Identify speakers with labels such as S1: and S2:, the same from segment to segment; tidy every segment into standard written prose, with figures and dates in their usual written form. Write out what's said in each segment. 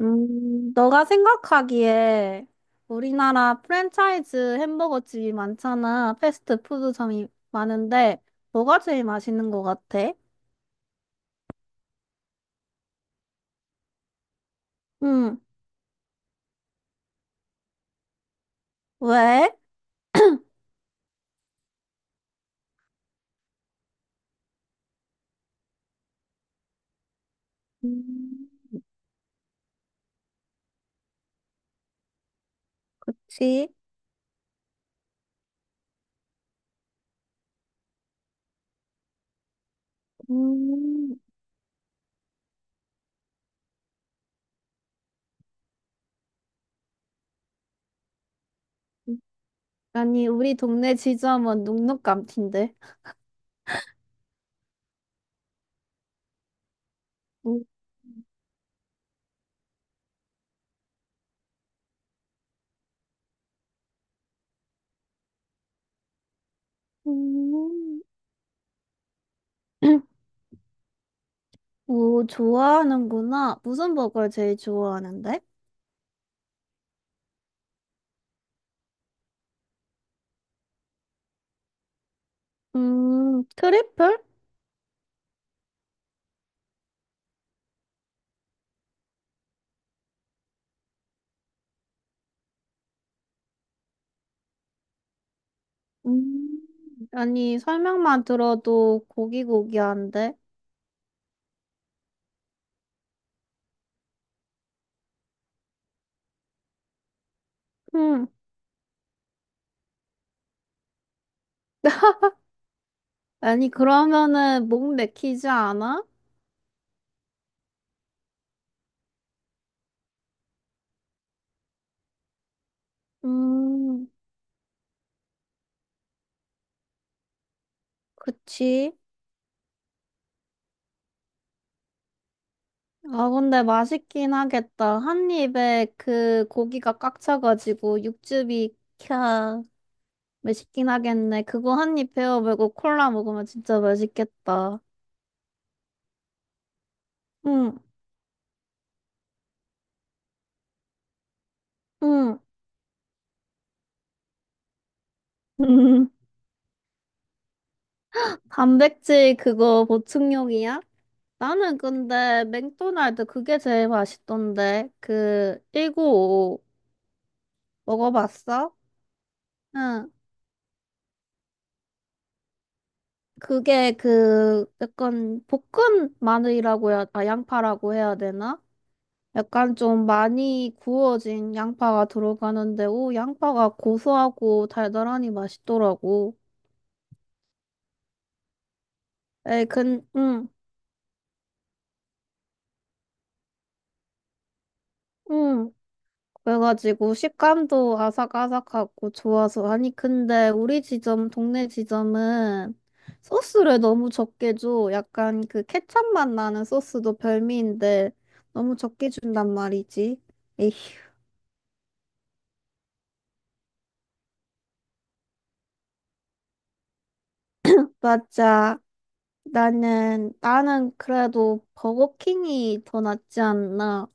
S1: 너가 생각하기에 우리나라 프랜차이즈 햄버거 집이 많잖아. 패스트푸드점이 많은데, 뭐가 제일 맛있는 것 같아? 응, 왜? 음, 그치. 음, 아니, 우리 동네 지점은 눅눅감틴데. 음, 음. 오, 좋아하는구나. 무슨 버거를 제일 좋아하는데? 트리플? 음, 아니, 설명만 들어도 고기고기한데. 응. 아니, 그러면은 목 맥히지 않아? 음, 그치. 아, 근데 맛있긴 하겠다. 한 입에 그 고기가 꽉 차가지고 육즙이 캬. 맛있긴 하겠네. 그거 한 입 베어 물고 콜라 먹으면 진짜 맛있겠다. 응, 응. 음. 단백질 그거 보충용이야? 나는 근데 맥도날드 그게 제일 맛있던데. 그 195 먹어봤어? 응. 그게 그 약간 볶은 마늘이라고 해야, 아, 양파라고 해야 되나? 약간 좀 많이 구워진 양파가 들어가는데, 오, 양파가 고소하고 달달하니 맛있더라고. 에이, 근, 응, 응. 그래가지고 식감도 아삭아삭하고 좋아서. 아니, 근데 우리 지점, 동네 지점은 소스를 너무 적게 줘. 약간 그 케첩 맛 나는 소스도 별미인데, 너무 적게 준단 말이지. 에휴. 맞아. 나는 그래도 버거킹이 더 낫지 않나.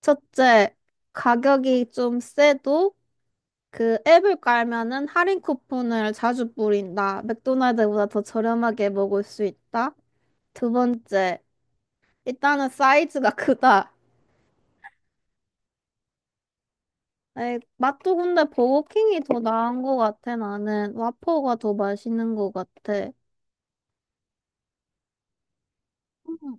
S1: 첫째, 가격이 좀 세도 그 앱을 깔면은 할인 쿠폰을 자주 뿌린다. 맥도날드보다 더 저렴하게 먹을 수 있다. 두 번째, 일단은 사이즈가 크다. 에이, 맛도 근데 버거킹이 더 나은 것 같아, 나는. 와퍼가 더 맛있는 것 같아. 음,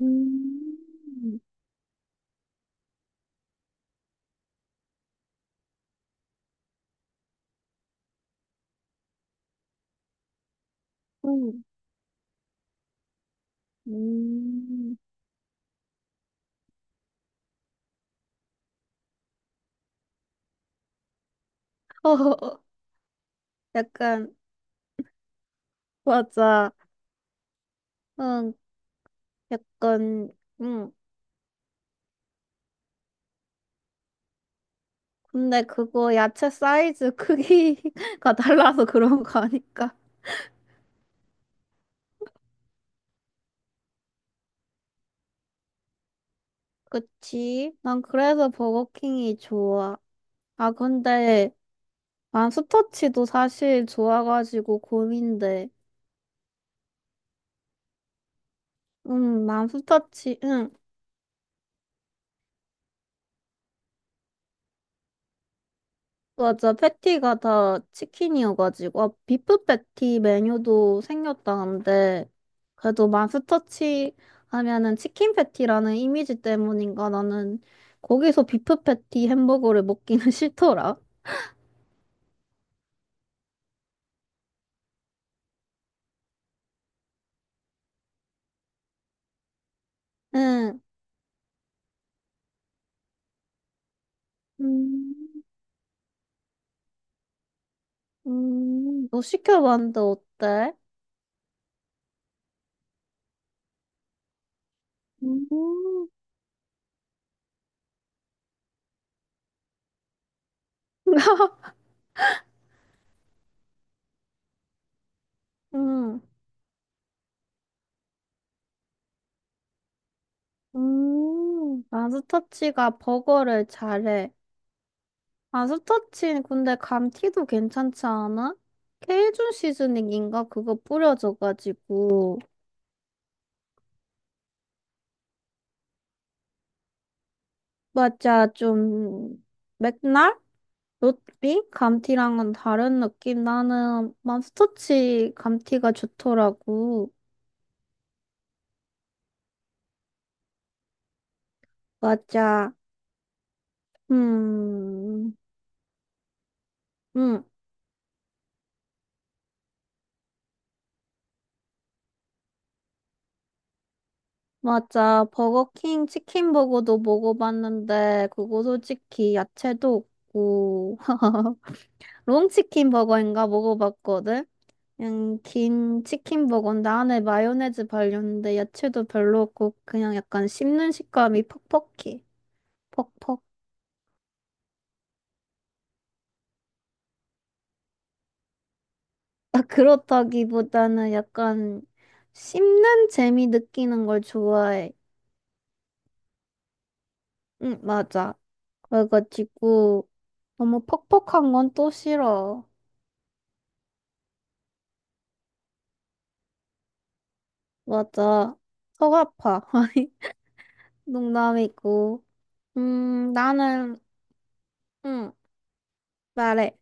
S1: 음, 음. 음. 약간, 맞아. 응, 약간, 응. 근데 그거 야채 사이즈 크기가 달라서 그런 거 아닐까? 그치? 난 그래서 버거킹이 좋아. 아, 근데 맘스터치도 사실 좋아가지고 고민돼. 응, 맘스터치, 응. 맞아. 패티가 다 치킨이어가지고. 아, 비프 패티 메뉴도 생겼다는데. 그래도 마스터치 하면은 치킨 패티라는 이미지 때문인가 나는 거기서 비프 패티 햄버거를 먹기는 싫더라. 응. 음, 너 시켜봤는데 어때? 음, 음, 마스터치가 버거를 잘해. 아, 스타친, 근데 감튀도 괜찮지 않아? 케이준 시즈닝인가? 그거 뿌려져가지고. 맞아, 좀, 맥날? 롯비? 감튀랑은 다른 느낌. 나는 맘스터치 감튀가 좋더라고. 맞아. 음, 음, 맞아. 버거킹 치킨버거도 먹어봤는데, 그거 솔직히 야채도 없고. 롱치킨버거인가 먹어봤거든? 그냥 긴 치킨 버거인데 안에 마요네즈 발렸는데 야채도 별로 없고 그냥 약간 씹는 식감이 퍽퍽해. 퍽퍽. 아, 그렇다기보다는 약간 씹는 재미 느끼는 걸 좋아해. 응, 맞아. 그래가지고 너무 퍽퍽한 건 또 싫어. 맞아. 속 아파. 아니, 농담이고. 나는, 응, 말해.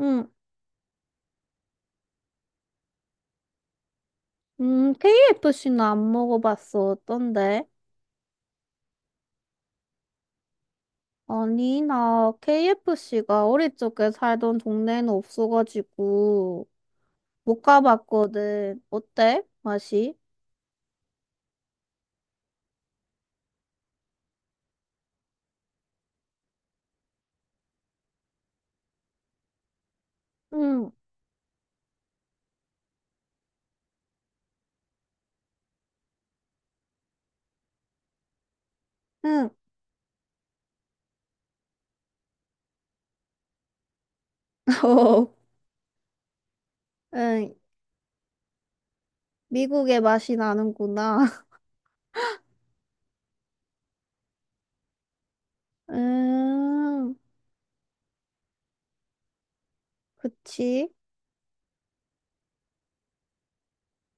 S1: 응, KFC는 안 먹어봤어. 어떤데? 아니, 나 KFC가 어릴 적에 살던 동네에는 없어가지고 못 가봤거든. 어때? 맛이? 응, 응. 어, 응. 미국의 맛이 나는구나. 음, 그치.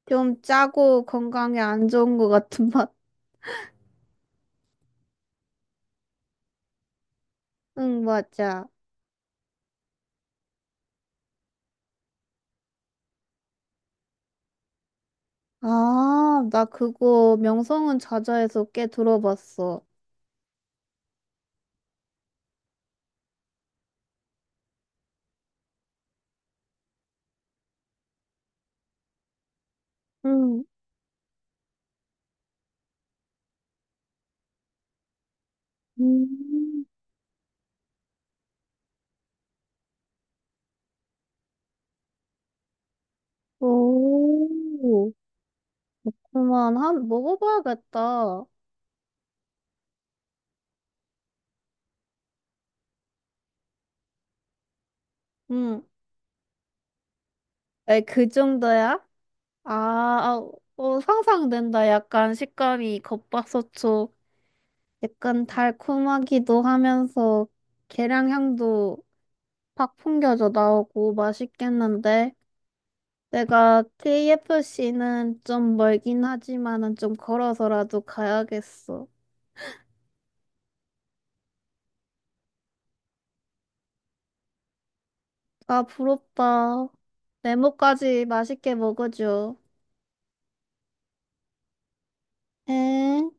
S1: 좀 짜고 건강에 안 좋은 것 같은 맛. 응, 맞아. 아, 나 그거 명성은 자자에서 꽤 들어봤어. 응. 음, 오. 그만 한 먹어봐야겠다. 응. 에, 그 정도야? 아, 아, 어, 상상된다. 약간 식감이 겉바속촉, 약간 달콤하기도 하면서 계량향도 팍 풍겨져 나오고 맛있겠는데. 내가 KFC는 좀 멀긴 하지만은 좀 걸어서라도 가야겠어. 아, 부럽다. 네모까지 맛있게 먹어줘. 엥?